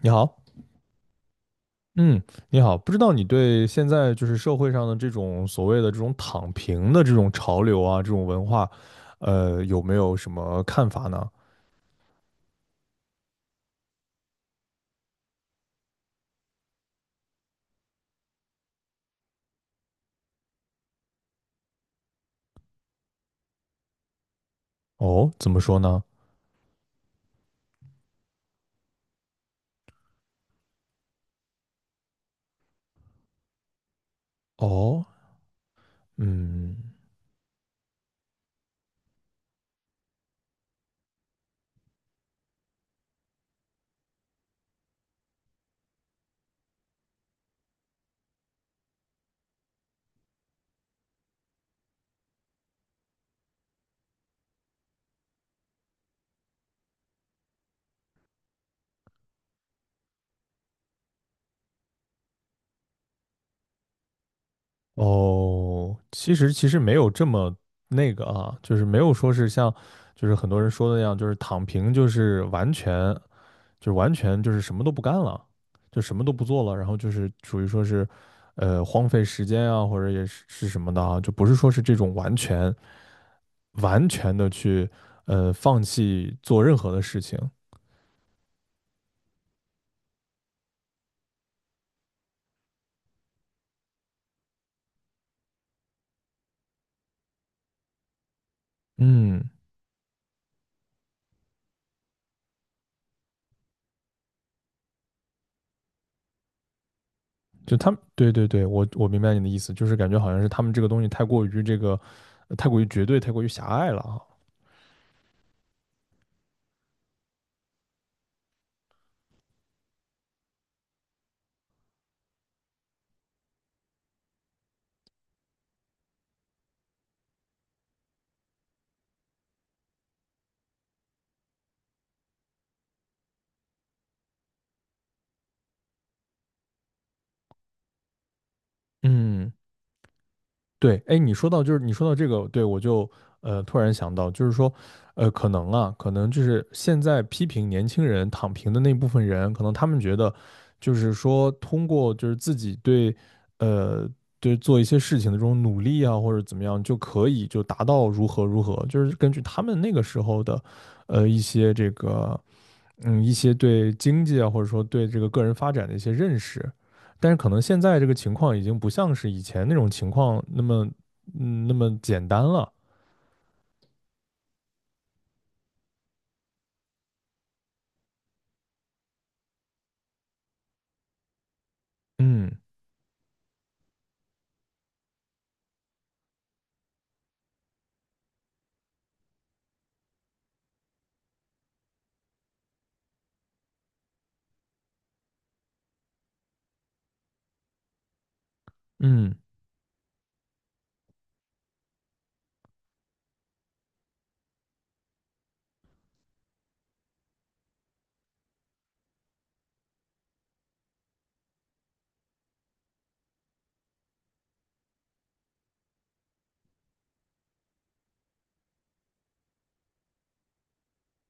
你好，嗯，你好，不知道你对现在就是社会上的这种所谓的这种躺平的这种潮流啊，这种文化，有没有什么看法呢？哦，怎么说呢？哦，嗯，哦，其实没有这么那个啊，就是没有说是像就是很多人说的那样，就是躺平就是完全。就是完全就是什么都不干了，就什么都不做了，然后就是属于说是，荒废时间啊，或者也是什么的啊，就不是说是这种完全的去放弃做任何的事情。嗯，就他们，对对对，我明白你的意思，就是感觉好像是他们这个东西太过于这个，太过于绝对，太过于狭隘了啊。嗯对，哎，你说到这个，对我就突然想到，就是说，可能就是现在批评年轻人躺平的那部分人，可能他们觉得，就是说通过就是自己呃，对做一些事情的这种努力啊，或者怎么样，就可以就达到如何如何，就是根据他们那个时候的，一些这个嗯，一些对经济啊，或者说对这个个人发展的一些认识，但是可能现在这个情况已经不像是以前那种情况那么简单了。嗯嗯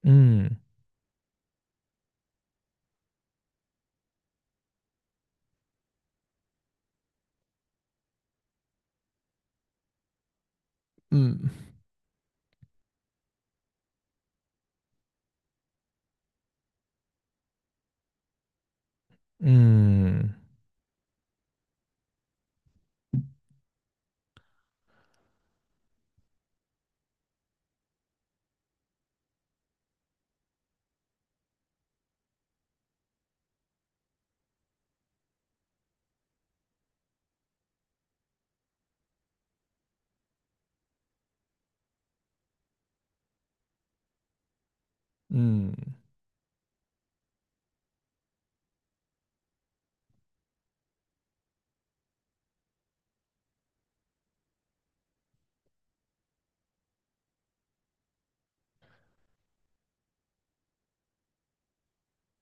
嗯嗯嗯嗯嗯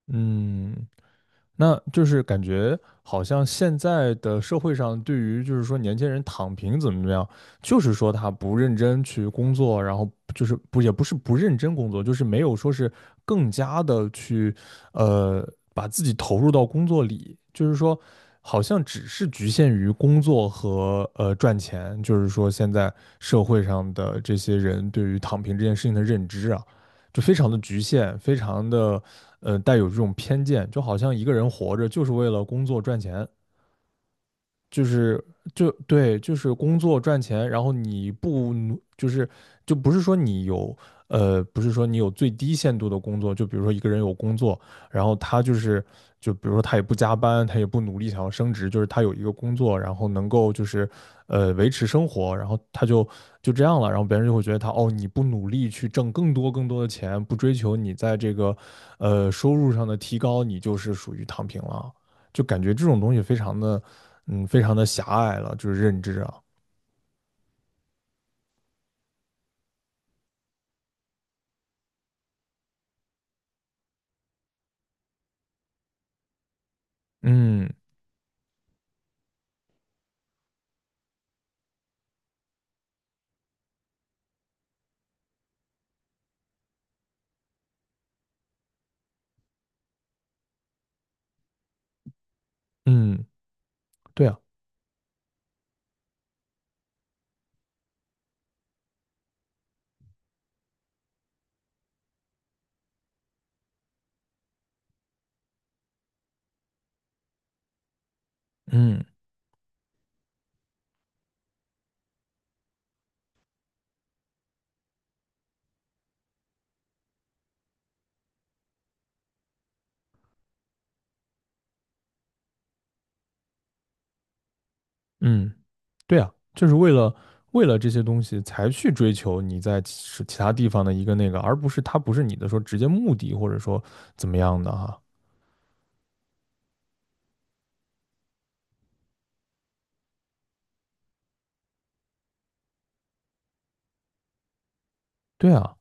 嗯那就是感觉好像现在的社会上，对于就是说年轻人躺平怎么怎么样，就是说他不认真去工作，然后就是不也不是不认真工作，就是没有说是更加的去呃把自己投入到工作里，就是说好像只是局限于工作和赚钱，就是说现在社会上的这些人对于躺平这件事情的认知啊。就非常的局限，非常的带有这种偏见，就好像一个人活着就是为了工作赚钱，就对，就是工作赚钱，然后你不努，就是就不是说你有不是说你有最低限度的工作，就比如说一个人有工作，然后他就比如说他也不加班，他也不努力想要升职，就是他有一个工作，然后能够就是维持生活，然后他就这样了，然后别人就会觉得他哦，你不努力去挣更多更多的钱，不追求你在这个收入上的提高，你就是属于躺平了。就感觉这种东西非常的，嗯，非常的狭隘了，就是认知啊，嗯嗯，对啊，嗯嗯，对啊，就是为了这些东西才去追求你在其他地方的一个那个，而不是它不是你的说直接目的或者说怎么样的哈，对啊，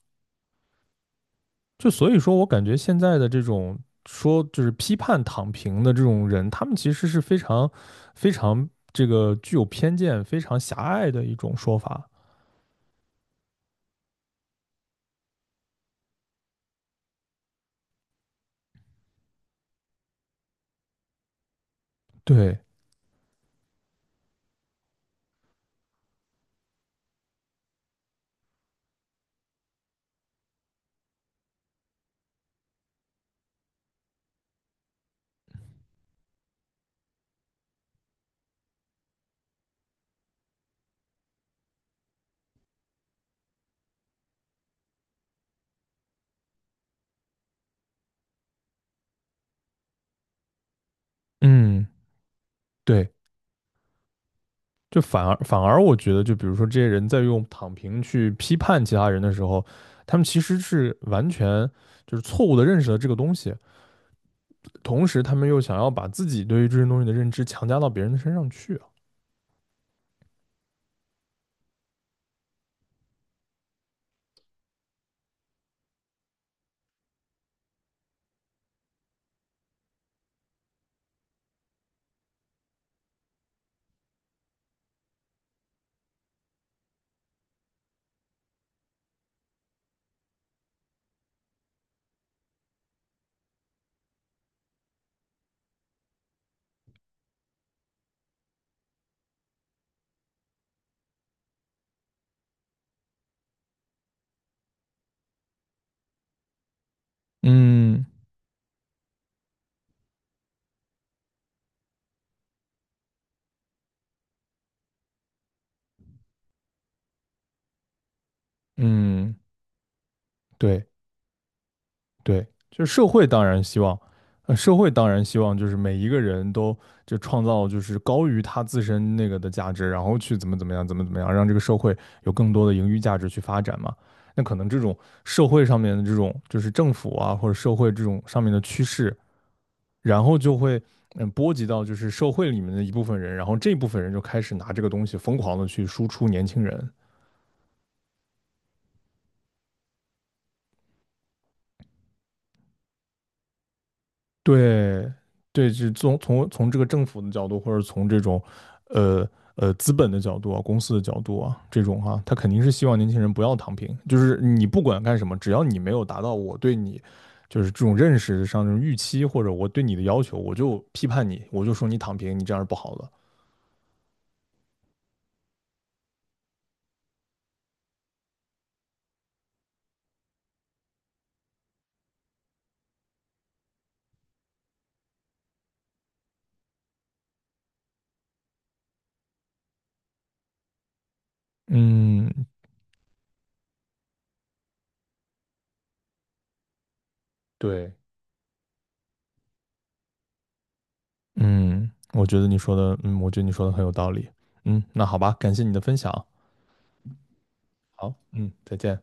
就所以说我感觉现在的这种说就是批判躺平的这种人，他们其实是非常非常这个具有偏见、非常狭隘的一种说法，对，嗯。对，就反而我觉得，就比如说这些人在用躺平去批判其他人的时候，他们其实是完全就是错误的认识了这个东西，同时他们又想要把自己对于这些东西的认知强加到别人的身上去啊嗯嗯，对，对，就是社会当然希望，就是每一个人都就创造就是高于他自身那个的价值，然后去怎么怎么样，怎么怎么样，让这个社会有更多的盈余价值去发展嘛。那可能这种社会上面的这种就是政府啊或者社会这种上面的趋势，然后就会波及到就是社会里面的一部分人，然后这部分人就开始拿这个东西疯狂的去输出年轻人，对，对，是从这个政府的角度，或者从这种，呃资本的角度啊，公司的角度啊，这种哈、他肯定是希望年轻人不要躺平，就是你不管干什么，只要你没有达到我对你就是这种认识上这种预期，或者我对你的要求，我就批判你，我就说你躺平，你这样是不好的。嗯，对，嗯，我觉得你说的很有道理。嗯，那好吧，感谢你的分享。好，嗯，再见。